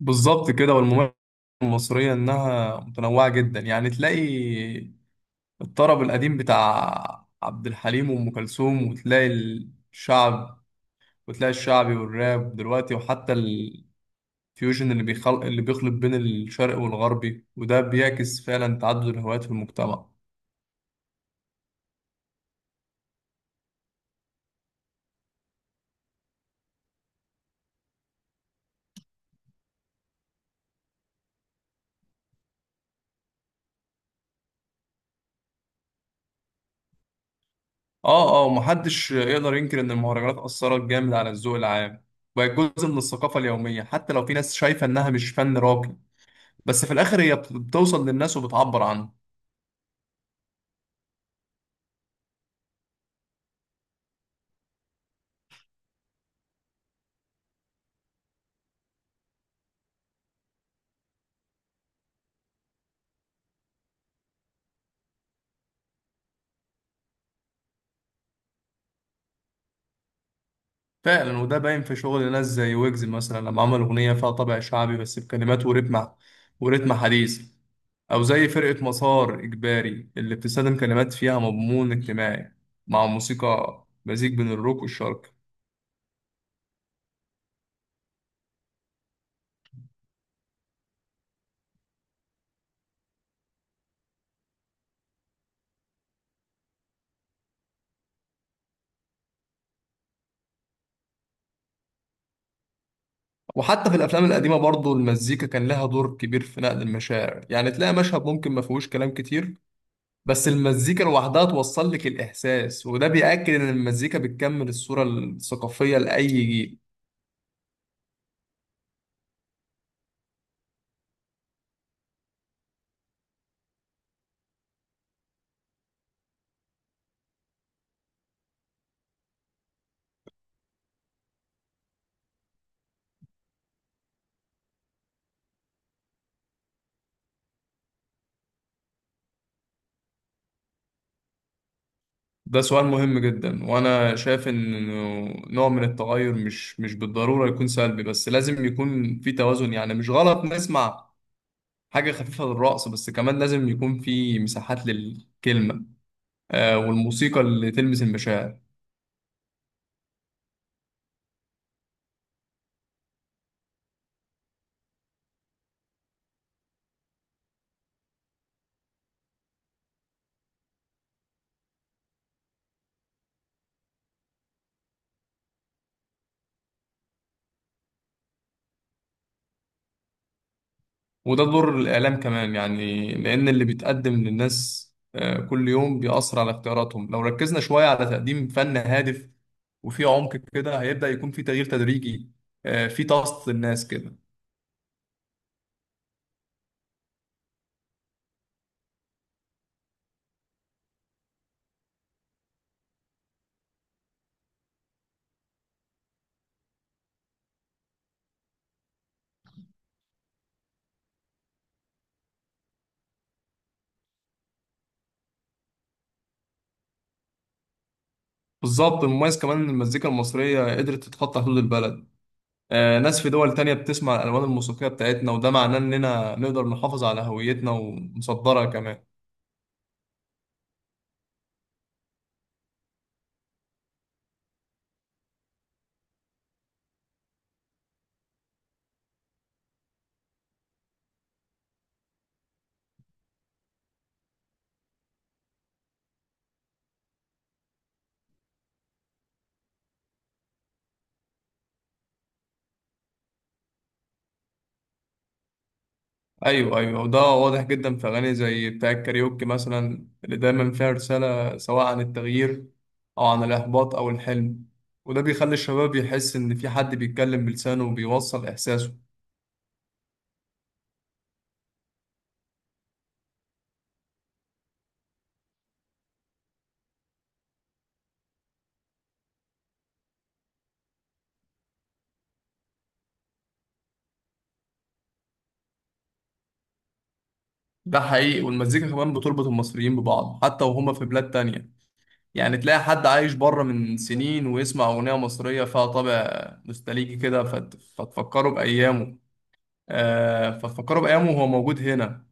بالظبط كده. والمميز المصرية إنها متنوعة جدا، يعني تلاقي الطرب القديم بتاع عبد الحليم وأم كلثوم، وتلاقي الشعب، وتلاقي الشعبي والراب دلوقتي، وحتى الفيوجن اللي بيخلق اللي بيخلط بين الشرق والغربي، وده بيعكس فعلا تعدد الهوايات في المجتمع. اه اه، ومحدش يقدر ينكر إن المهرجانات أثرت جامد على الذوق العام. بقت جزء من الثقافة اليومية، حتى لو في ناس شايفة إنها مش فن راقي. بس في الآخر هي بتوصل للناس وبتعبر عنه. فعلا، وده باين في شغل ناس زي ويجز مثلا، لما عمل أغنية فيها طابع شعبي بس بكلمات ورتم حديث. أو زي فرقة مسار إجباري اللي بتستخدم كلمات فيها مضمون اجتماعي، مع موسيقى مزيج بين الروك والشرق. وحتى في الأفلام القديمة برضو المزيكا كان لها دور كبير في نقل المشاعر، يعني تلاقي مشهد ممكن ما فيهوش كلام كتير، بس المزيكا لوحدها توصل لك الإحساس، وده بيأكد إن المزيكا بتكمل الصورة الثقافية لأي جيل. ده سؤال مهم جدا، وانا شايف ان نوع من التغير مش بالضروره يكون سلبي، بس لازم يكون في توازن. يعني مش غلط نسمع حاجه خفيفه للرقص، بس كمان لازم يكون في مساحات للكلمه والموسيقى اللي تلمس المشاعر. وده دور الاعلام كمان، يعني لان اللي بيتقدم للناس كل يوم بيأثر على اختياراتهم. لو ركزنا شويه على تقديم فن هادف وفي عمق كده، هيبدأ يكون في تغيير تدريجي في طاقة الناس كده. بالظبط. المميز كمان ان المزيكا المصريه قدرت تتخطى حدود البلد. ناس في دول تانية بتسمع الالوان الموسيقيه بتاعتنا، وده معناه اننا نقدر نحافظ على هويتنا ونصدرها كمان. ايوه ايوه، وده واضح جدا في اغاني زي بتاع الكاريوكي مثلا، اللي دايما فيها رساله، سواء عن التغيير او عن الاحباط او الحلم. وده بيخلي الشباب يحس ان في حد بيتكلم بلسانه وبيوصل احساسه. ده حقيقي، والمزيكا كمان بتربط المصريين ببعض حتى وهم في بلاد تانية. يعني تلاقي حد عايش بره من سنين ويسمع أغنية مصرية فيها طابع نوستالجي كده فتفكره بأيامه. فتفكره بأيامه وهو موجود هنا،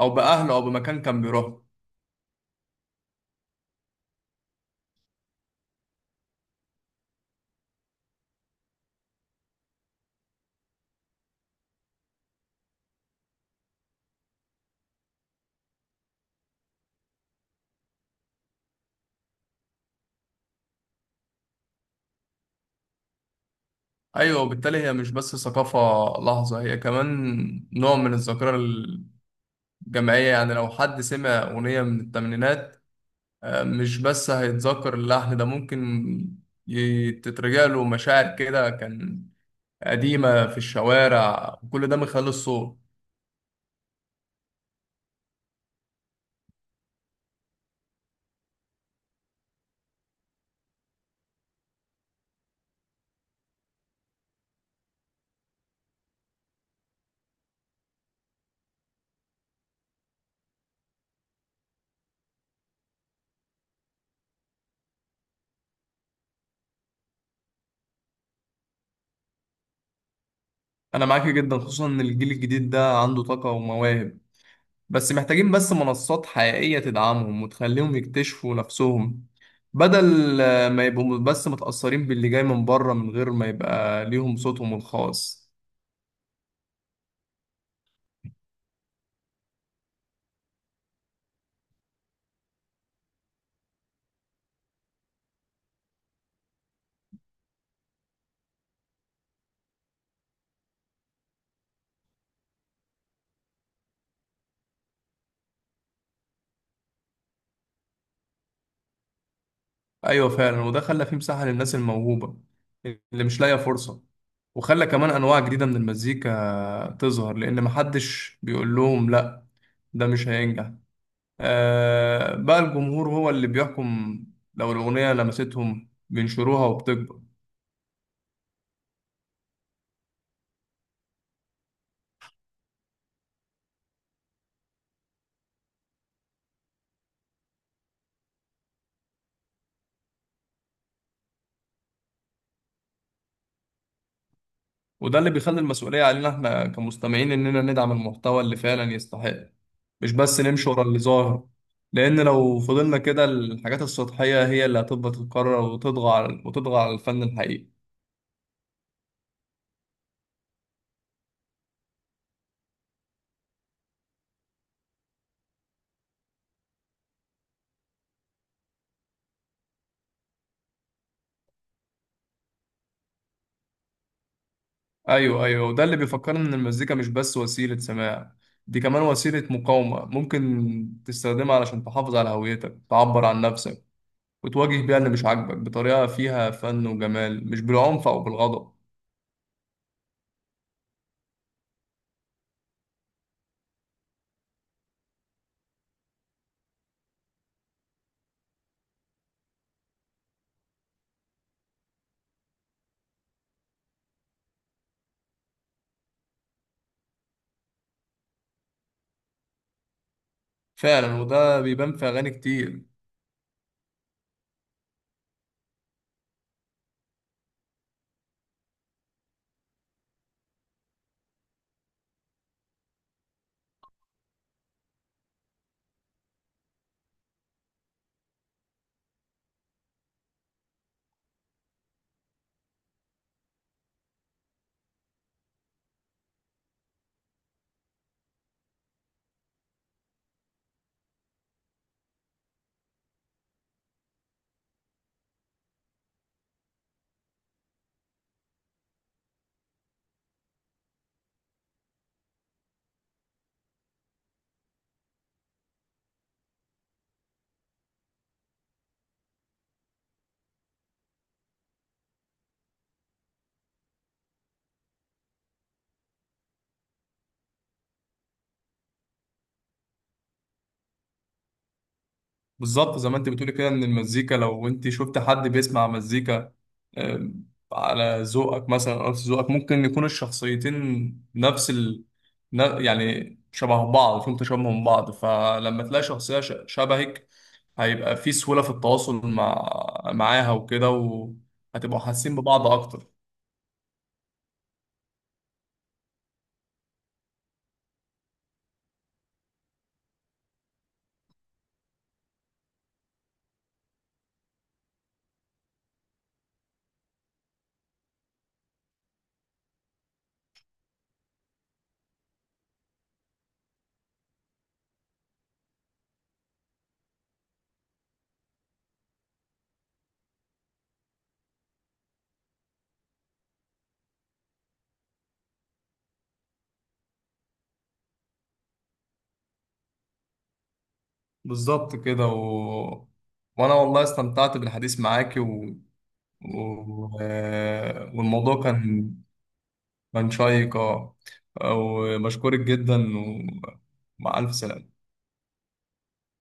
أو بأهله، أو بمكان كان بيروح. أيوة، وبالتالي هي مش بس ثقافة. لحظة، هي كمان نوع من الذاكرة الجماعية. يعني لو حد سمع أغنية من الثمانينات مش بس هيتذكر اللحن، ده ممكن تترجع له مشاعر كده كان قديمة في الشوارع، وكل ده من خلال الصوت. انا معاك جدا، خصوصا ان الجيل الجديد ده عنده طاقة ومواهب، بس محتاجين بس منصات حقيقية تدعمهم وتخليهم يكتشفوا نفسهم، بدل ما يبقوا بس متأثرين باللي جاي من بره من غير ما يبقى ليهم صوتهم الخاص. ايوه فعلا، وده خلى فيه مساحة للناس الموهوبة اللي مش لاقية فرصة، وخلى كمان انواع جديدة من المزيكا تظهر، لان محدش بيقول لهم لا، ده مش هينجح. بقى الجمهور هو اللي بيحكم. لو الأغنية لمستهم بينشروها وبتكبر. وده اللي بيخلي المسؤولية علينا احنا كمستمعين، إننا ندعم المحتوى اللي فعلا يستحق، مش بس نمشي ورا اللي ظاهر. لأن لو فضلنا كده، الحاجات السطحية هي اللي هتفضل تتكرر وتطغى على الفن الحقيقي. أيوه أيوه، وده اللي بيفكرنا إن المزيكا مش بس وسيلة سماع، دي كمان وسيلة مقاومة، ممكن تستخدمها علشان تحافظ على هويتك، تعبر عن نفسك، وتواجه بيها اللي مش عاجبك بطريقة فيها فن وجمال، مش بالعنف أو بالغضب. فعلا، وده بيبان في أغاني كتير. بالظبط زي ما أنت بتقولي كده، إن المزيكا لو أنت شفت حد بيسمع مزيكا آم، على ذوقك مثلا أو نفس ذوقك، ممكن يكون الشخصيتين نفس يعني شبه بعض، فيهم تشابه من بعض. فلما تلاقي شخصية شبهك، هيبقى في سهولة في التواصل معاها وكده. وهتبقوا حاسين ببعض أكتر. بالظبط كده وانا والله استمتعت بالحديث معاكي و... و... آه، والموضوع كان شيق. اه وبشكرك جدا. ومع الف سلامة.